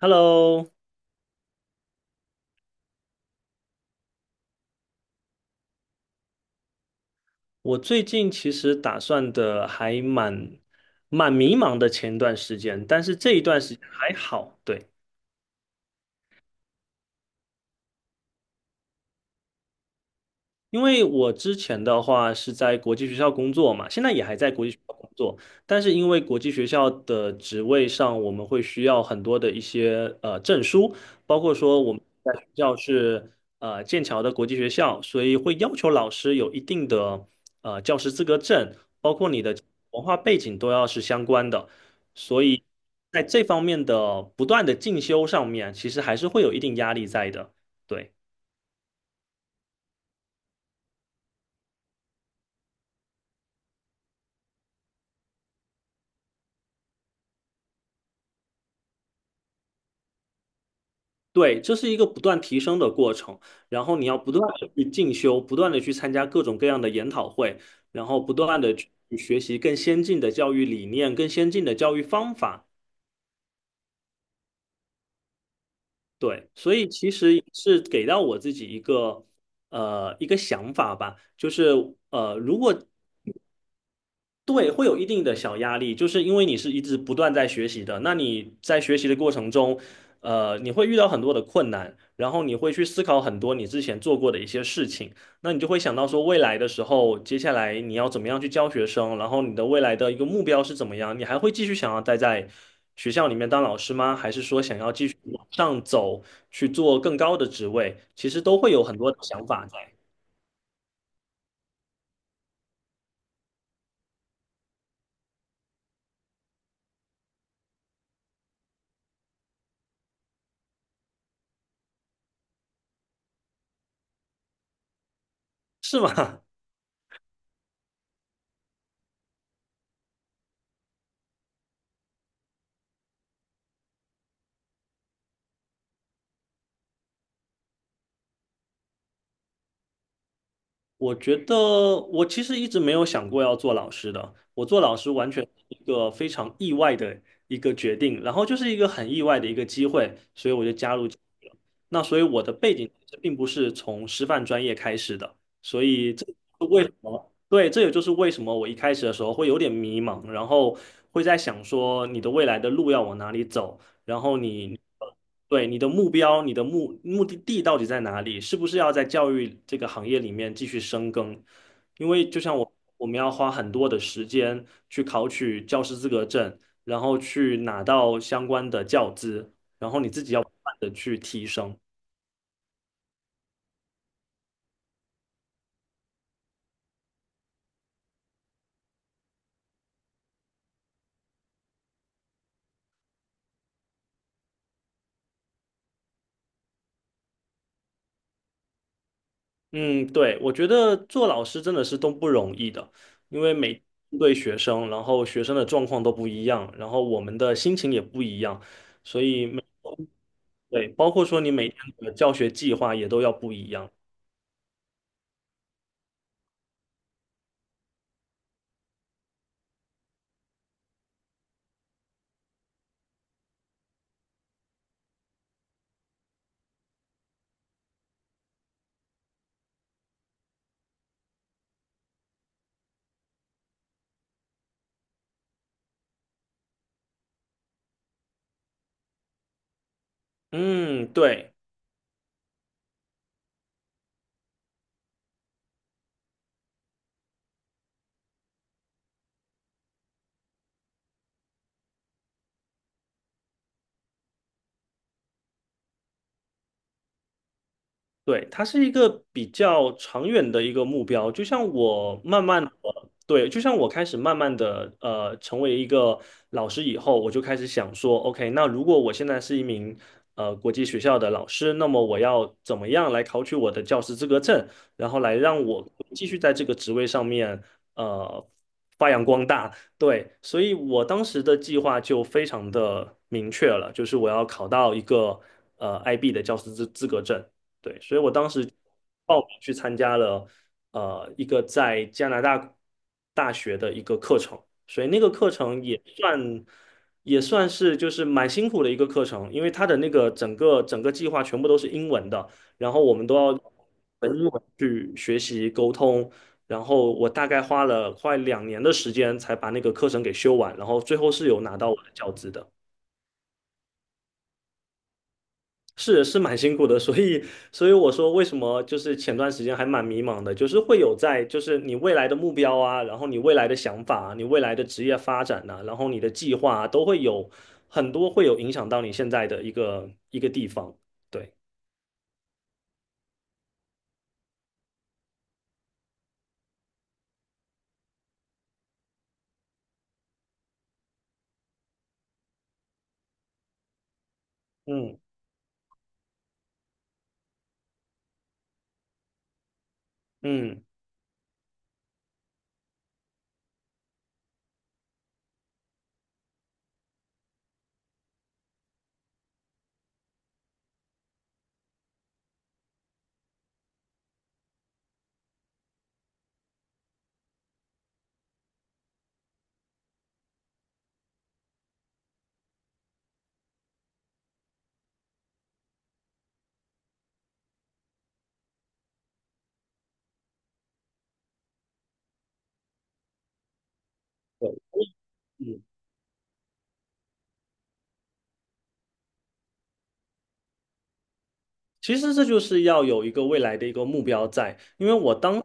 Hello，我最近其实打算的还蛮迷茫的前段时间，但是这一段时间还好，对。因为我之前的话是在国际学校工作嘛，现在也还在国际学校工作，但是因为国际学校的职位上，我们会需要很多的一些证书，包括说我们在学校是剑桥的国际学校，所以会要求老师有一定的教师资格证，包括你的文化背景都要是相关的，所以在这方面的不断的进修上面，其实还是会有一定压力在的，对。对，这是一个不断提升的过程，然后你要不断的去进修，不断的去参加各种各样的研讨会，然后不断的去学习更先进的教育理念、更先进的教育方法。对，所以其实是给到我自己一个一个想法吧，对，会有一定的小压力，就是因为你是一直不断在学习的，那你在学习的过程中，你会遇到很多的困难，然后你会去思考很多你之前做过的一些事情，那你就会想到说未来的时候，接下来你要怎么样去教学生，然后你的未来的一个目标是怎么样，你还会继续想要待在学校里面当老师吗？还是说想要继续往上走，去做更高的职位？其实都会有很多的想法在，是吗？我觉得我其实一直没有想过要做老师的，我做老师完全是一个非常意外的一个决定，然后就是一个很意外的一个机会，所以我就加入进去了。那所以我的背景其实并不是从师范专业开始的，所以这就是为什么？对，这也就是为什么我一开始的时候会有点迷茫，然后会在想说你的未来的路要往哪里走。然后你对你的目标、你的目的地到底在哪里？是不是要在教育这个行业里面继续深耕？因为就像我，我们要花很多的时间去考取教师资格证，然后去拿到相关的教资，然后你自己要不断的去提升。嗯，对，我觉得做老师真的是都不容易的，因为每对学生，然后学生的状况都不一样，然后我们的心情也不一样，所以每。对，包括说你每天的教学计划也都要不一样。嗯，对。对，它是一个比较长远的一个目标，就像我开始慢慢的，成为一个老师以后，我就开始想说，OK，那如果我现在是一名国际学校的老师，那么我要怎么样来考取我的教师资格证，然后来让我继续在这个职位上面，呃，发扬光大。对，所以我当时的计划就非常的明确了，就是我要考到一个IB 的教师资格证。对，所以我当时报名去参加了一个在加拿大大学的一个课程，所以那个课程也算是就是蛮辛苦的一个课程，因为它的那个整个计划全部都是英文的，然后我们都要用英文去学习沟通，然后我大概花了快2年的时间才把那个课程给修完，然后最后是有拿到我的教资的。是是蛮辛苦的，所以我说为什么就是前段时间还蛮迷茫的，就是会有在就是你未来的目标啊，然后你未来的想法啊，你未来的职业发展呐、然后你的计划啊，都会有很多会有影响到你现在的一个地方。对，嗯嗯，对，嗯，其实这就是要有一个未来的一个目标在，因为我当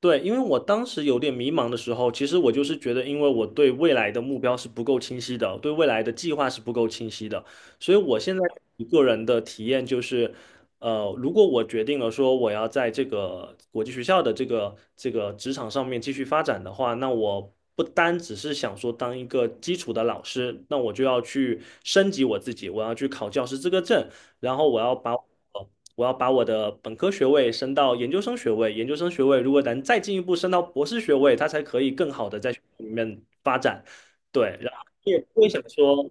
对，因为我当时有点迷茫的时候，其实我就是觉得，因为我对未来的目标是不够清晰的，对未来的计划是不够清晰的，所以我现在一个人的体验就是，如果我决定了说我要在这个国际学校的这个职场上面继续发展的话，那我不单只是想说当一个基础的老师，那我就要去升级我自己，我要去考教师资格证，然后呃我要把我的本科学位升到研究生学位，研究生学位如果能再进一步升到博士学位，它才可以更好的在学校里面发展。对，然后你也不会想说，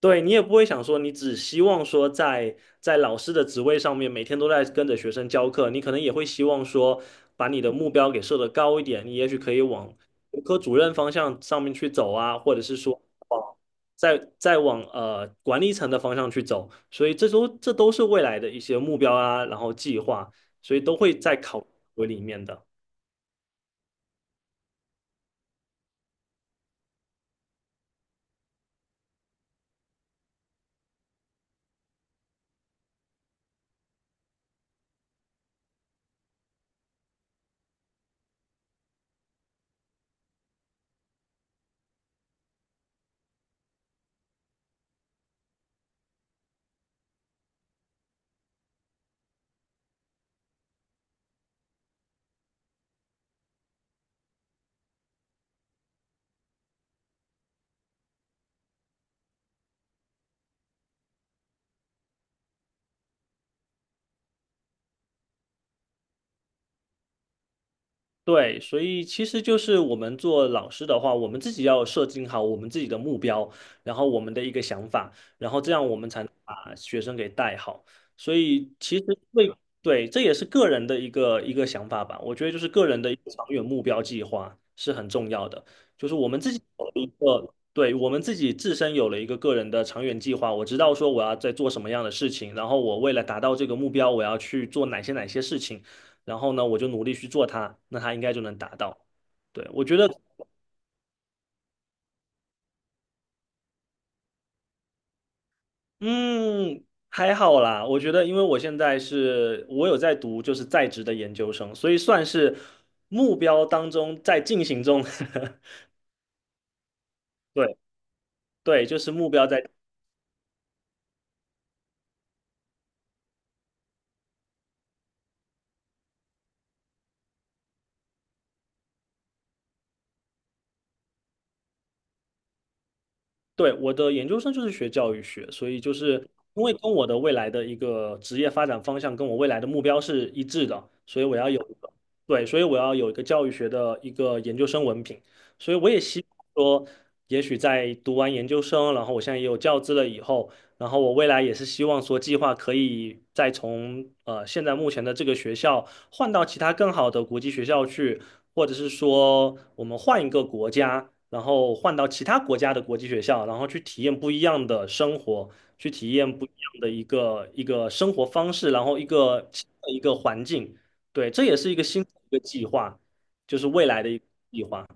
对你也不会想说，你只希望说在在老师的职位上面每天都在跟着学生教课，你可能也会希望说把你的目标给设得高一点，你也许可以往。科主任方向上面去走啊，或者是说再往管理层的方向去走，所以这都是未来的一些目标啊，然后计划，所以都会在考核里面的。对，所以其实就是我们做老师的话，我们自己要设定好我们自己的目标，然后我们的一个想法，然后这样我们才能把学生给带好。所以其实对对，这也是个人的一个想法吧。我觉得就是个人的一个长远目标计划是很重要的，就是我们自己有了一个，对，我们自己自身有了一个个人的长远计划，我知道说我要在做什么样的事情，然后我为了达到这个目标，我要去做哪些事情。然后呢，我就努力去做它，那它应该就能达到。对，我觉得，嗯，还好啦。我觉得，因为我有在读就是在职的研究生，所以算是目标当中在进行中。对对，就是目标在对，我的研究生就是学教育学，所以就是因为跟我的未来的一个职业发展方向，跟我未来的目标是一致的，所以我要有一个，对，所以我要有一个教育学的一个研究生文凭，所以我也希望说，也许在读完研究生，然后我现在也有教资了以后，然后我未来也是希望说，计划可以再从现在目前的这个学校换到其他更好的国际学校去，或者是说我们换一个国家，然后换到其他国家的国际学校，然后去体验不一样的生活，去体验不一样的一个生活方式，然后一个新的一个环境。对，这也是一个新的一个计划，就是未来的一个计划。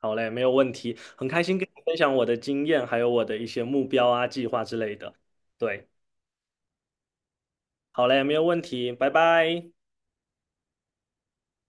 好嘞，没有问题，很开心跟你分享我的经验，还有我的一些目标啊、计划之类的。对，好嘞，没有问题，拜拜。